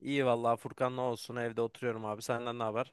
İyi vallahi Furkan, ne olsun, evde oturuyorum abi. Senden ne haber?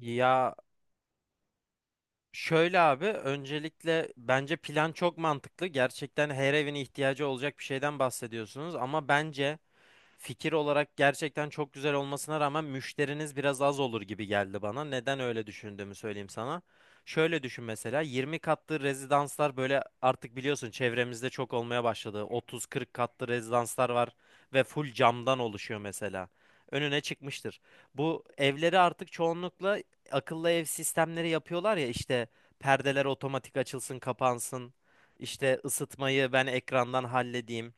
Ya şöyle abi, öncelikle bence plan çok mantıklı. Gerçekten her evin ihtiyacı olacak bir şeyden bahsediyorsunuz ama bence fikir olarak gerçekten çok güzel olmasına rağmen müşteriniz biraz az olur gibi geldi bana. Neden öyle düşündüğümü söyleyeyim sana. Şöyle düşün, mesela 20 katlı rezidanslar, böyle artık biliyorsun çevremizde çok olmaya başladı. 30-40 katlı rezidanslar var ve full camdan oluşuyor mesela. Önüne çıkmıştır. Bu evleri artık çoğunlukla akıllı ev sistemleri yapıyorlar ya, işte perdeler otomatik açılsın kapansın. İşte ısıtmayı ben ekrandan halledeyim.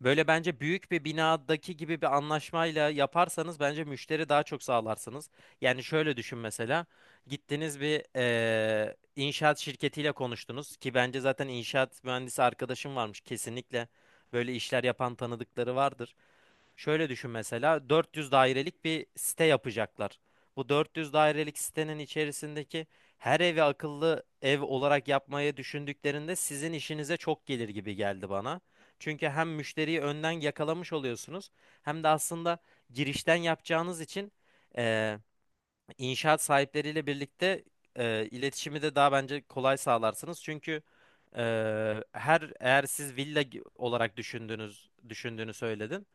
Böyle bence büyük bir binadaki gibi bir anlaşmayla yaparsanız bence müşteri daha çok sağlarsınız. Yani şöyle düşün mesela. Gittiniz bir inşaat şirketiyle konuştunuz ki bence zaten inşaat mühendisi arkadaşım varmış kesinlikle. Böyle işler yapan tanıdıkları vardır. Şöyle düşün, mesela 400 dairelik bir site yapacaklar. Bu 400 dairelik sitenin içerisindeki her evi akıllı ev olarak yapmayı düşündüklerinde sizin işinize çok gelir gibi geldi bana. Çünkü hem müşteriyi önden yakalamış oluyorsunuz, hem de aslında girişten yapacağınız için eee, İnşaat sahipleriyle birlikte iletişimi de daha bence kolay sağlarsınız. Çünkü e, her eğer siz villa olarak düşündüğünü söyledin.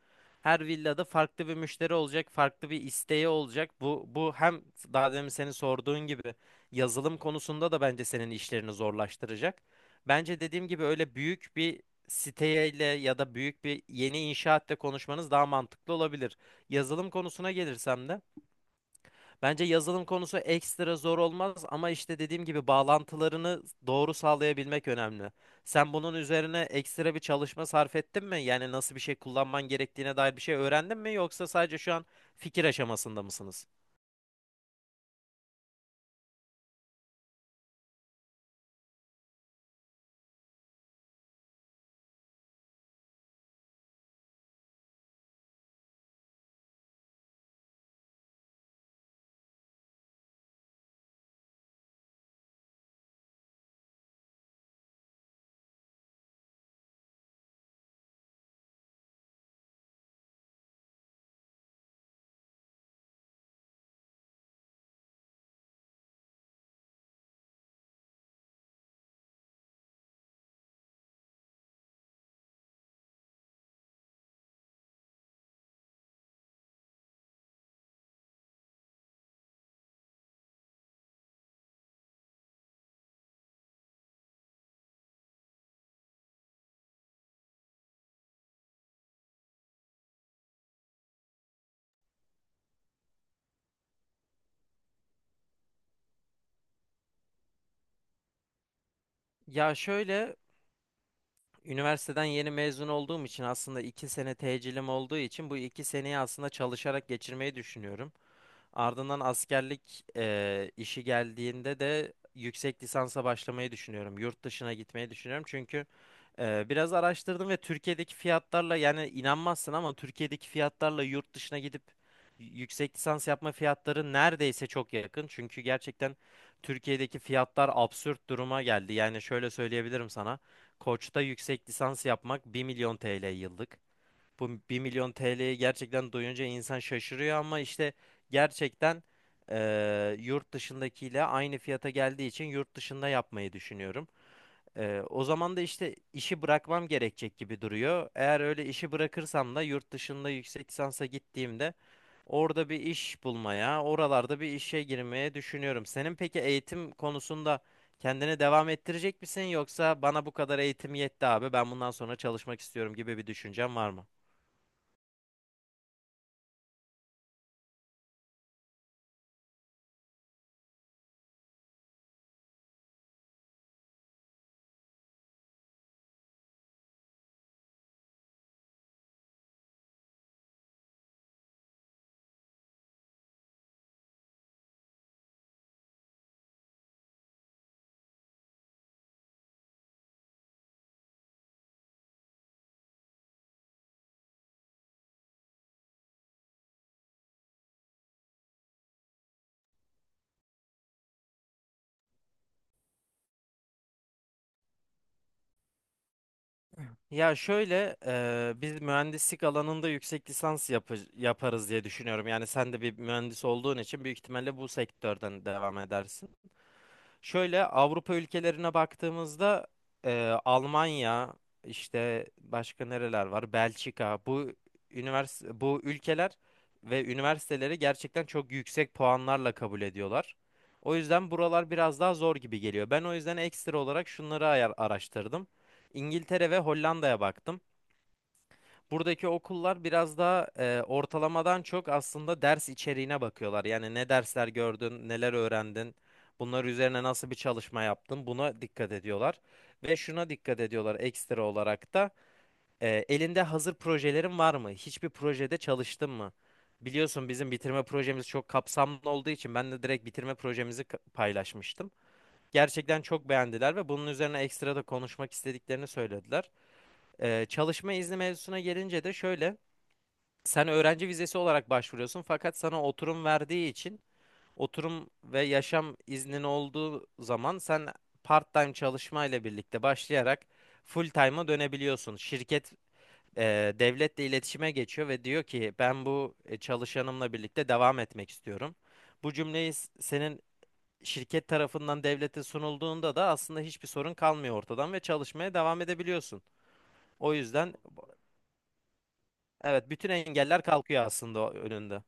Her villada farklı bir müşteri olacak, farklı bir isteği olacak. Bu hem daha demin senin sorduğun gibi yazılım konusunda da bence senin işlerini zorlaştıracak. Bence dediğim gibi öyle büyük bir siteyle ya da büyük bir yeni inşaatla konuşmanız daha mantıklı olabilir. Yazılım konusuna gelirsem de bence yazılım konusu ekstra zor olmaz ama işte dediğim gibi bağlantılarını doğru sağlayabilmek önemli. Sen bunun üzerine ekstra bir çalışma sarf ettin mi? Yani nasıl bir şey kullanman gerektiğine dair bir şey öğrendin mi? Yoksa sadece şu an fikir aşamasında mısınız? Ya şöyle, üniversiteden yeni mezun olduğum için, aslında 2 sene tecilim olduğu için bu 2 seneyi aslında çalışarak geçirmeyi düşünüyorum. Ardından askerlik işi geldiğinde de yüksek lisansa başlamayı düşünüyorum. Yurt dışına gitmeyi düşünüyorum. Çünkü biraz araştırdım ve Türkiye'deki fiyatlarla, yani inanmazsın ama Türkiye'deki fiyatlarla yurt dışına gidip yüksek lisans yapma fiyatları neredeyse çok yakın. Çünkü gerçekten Türkiye'deki fiyatlar absürt duruma geldi. Yani şöyle söyleyebilirim sana. Koç'ta yüksek lisans yapmak 1 milyon TL yıllık. Bu 1 milyon TL'yi gerçekten duyunca insan şaşırıyor ama işte gerçekten yurt dışındakiyle aynı fiyata geldiği için yurt dışında yapmayı düşünüyorum. O zaman da işte işi bırakmam gerekecek gibi duruyor. Eğer öyle işi bırakırsam da yurt dışında yüksek lisansa gittiğimde orada bir iş bulmaya, oralarda bir işe girmeye düşünüyorum. Senin peki eğitim konusunda kendini devam ettirecek misin, yoksa bana bu kadar eğitim yetti abi, ben bundan sonra çalışmak istiyorum gibi bir düşüncen var mı? Ya şöyle biz mühendislik alanında yüksek lisans yaparız diye düşünüyorum. Yani sen de bir mühendis olduğun için büyük ihtimalle bu sektörden devam edersin. Şöyle Avrupa ülkelerine baktığımızda Almanya, işte başka nereler var? Belçika, bu üniversite, bu ülkeler ve üniversiteleri gerçekten çok yüksek puanlarla kabul ediyorlar. O yüzden buralar biraz daha zor gibi geliyor. Ben o yüzden ekstra olarak şunları araştırdım. İngiltere ve Hollanda'ya baktım. Buradaki okullar biraz daha ortalamadan çok aslında ders içeriğine bakıyorlar. Yani ne dersler gördün, neler öğrendin, bunlar üzerine nasıl bir çalışma yaptın, buna dikkat ediyorlar. Ve şuna dikkat ediyorlar ekstra olarak da, elinde hazır projelerin var mı? Hiçbir projede çalıştın mı? Biliyorsun bizim bitirme projemiz çok kapsamlı olduğu için ben de direkt bitirme projemizi paylaşmıştım. Gerçekten çok beğendiler ve bunun üzerine ekstra da konuşmak istediklerini söylediler. Çalışma izni mevzusuna gelince de şöyle, sen öğrenci vizesi olarak başvuruyorsun fakat sana oturum verdiği için oturum ve yaşam iznin olduğu zaman sen part-time çalışmayla birlikte başlayarak full-time'a dönebiliyorsun. Şirket devletle iletişime geçiyor ve diyor ki ben bu çalışanımla birlikte devam etmek istiyorum. Bu cümleyi senin şirket tarafından devlete sunulduğunda da aslında hiçbir sorun kalmıyor ortadan ve çalışmaya devam edebiliyorsun. O yüzden evet, bütün engeller kalkıyor aslında önünde.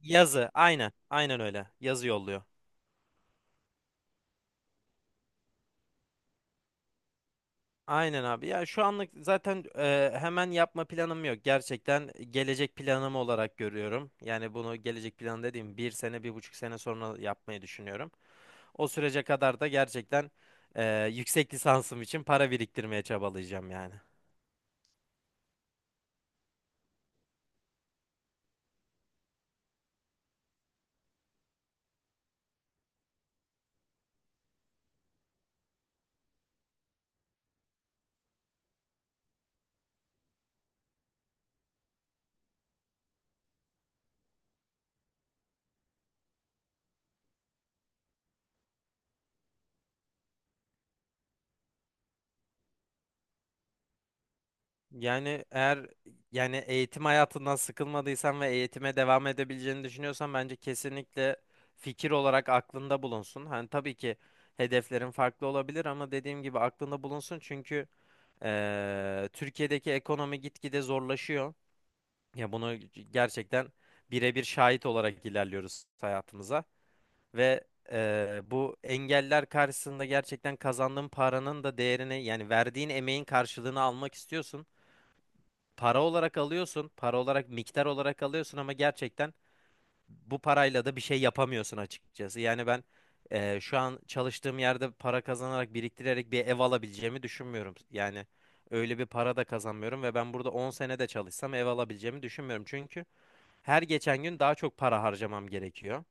Yazı. Aynen. Aynen öyle. Yazı yolluyor. Aynen abi. Ya şu anlık zaten hemen yapma planım yok. Gerçekten gelecek planım olarak görüyorum. Yani bunu gelecek plan dediğim, 1 sene, 1,5 sene sonra yapmayı düşünüyorum. O sürece kadar da gerçekten yüksek lisansım için para biriktirmeye çabalayacağım yani. Yani eğer yani eğitim hayatından sıkılmadıysan ve eğitime devam edebileceğini düşünüyorsan bence kesinlikle fikir olarak aklında bulunsun. Hani tabii ki hedeflerin farklı olabilir ama dediğim gibi aklında bulunsun çünkü Türkiye'deki ekonomi gitgide zorlaşıyor. Ya bunu gerçekten birebir şahit olarak ilerliyoruz hayatımıza ve bu engeller karşısında gerçekten kazandığın paranın da değerini, yani verdiğin emeğin karşılığını almak istiyorsun, para olarak alıyorsun, para olarak, miktar olarak alıyorsun ama gerçekten bu parayla da bir şey yapamıyorsun açıkçası. Yani ben şu an çalıştığım yerde para kazanarak, biriktirerek bir ev alabileceğimi düşünmüyorum. Yani öyle bir para da kazanmıyorum ve ben burada 10 sene de çalışsam ev alabileceğimi düşünmüyorum. Çünkü her geçen gün daha çok para harcamam gerekiyor.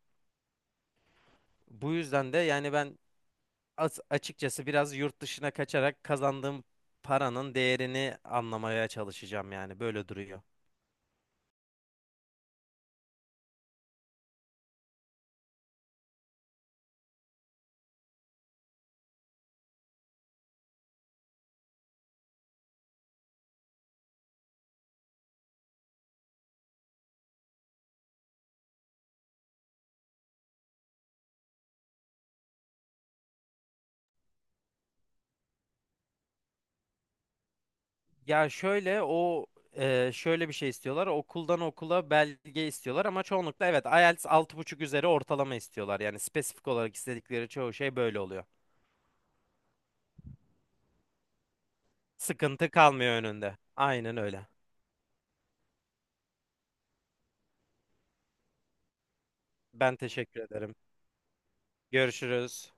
Bu yüzden de yani ben açıkçası biraz yurt dışına kaçarak kazandığım paranın değerini anlamaya çalışacağım, yani böyle duruyor. Ya şöyle, o şöyle bir şey istiyorlar. Okuldan okula belge istiyorlar ama çoğunlukla evet, IELTS 6,5 üzeri ortalama istiyorlar. Yani spesifik olarak istedikleri çoğu şey böyle oluyor. Sıkıntı kalmıyor önünde. Aynen öyle. Ben teşekkür ederim. Görüşürüz.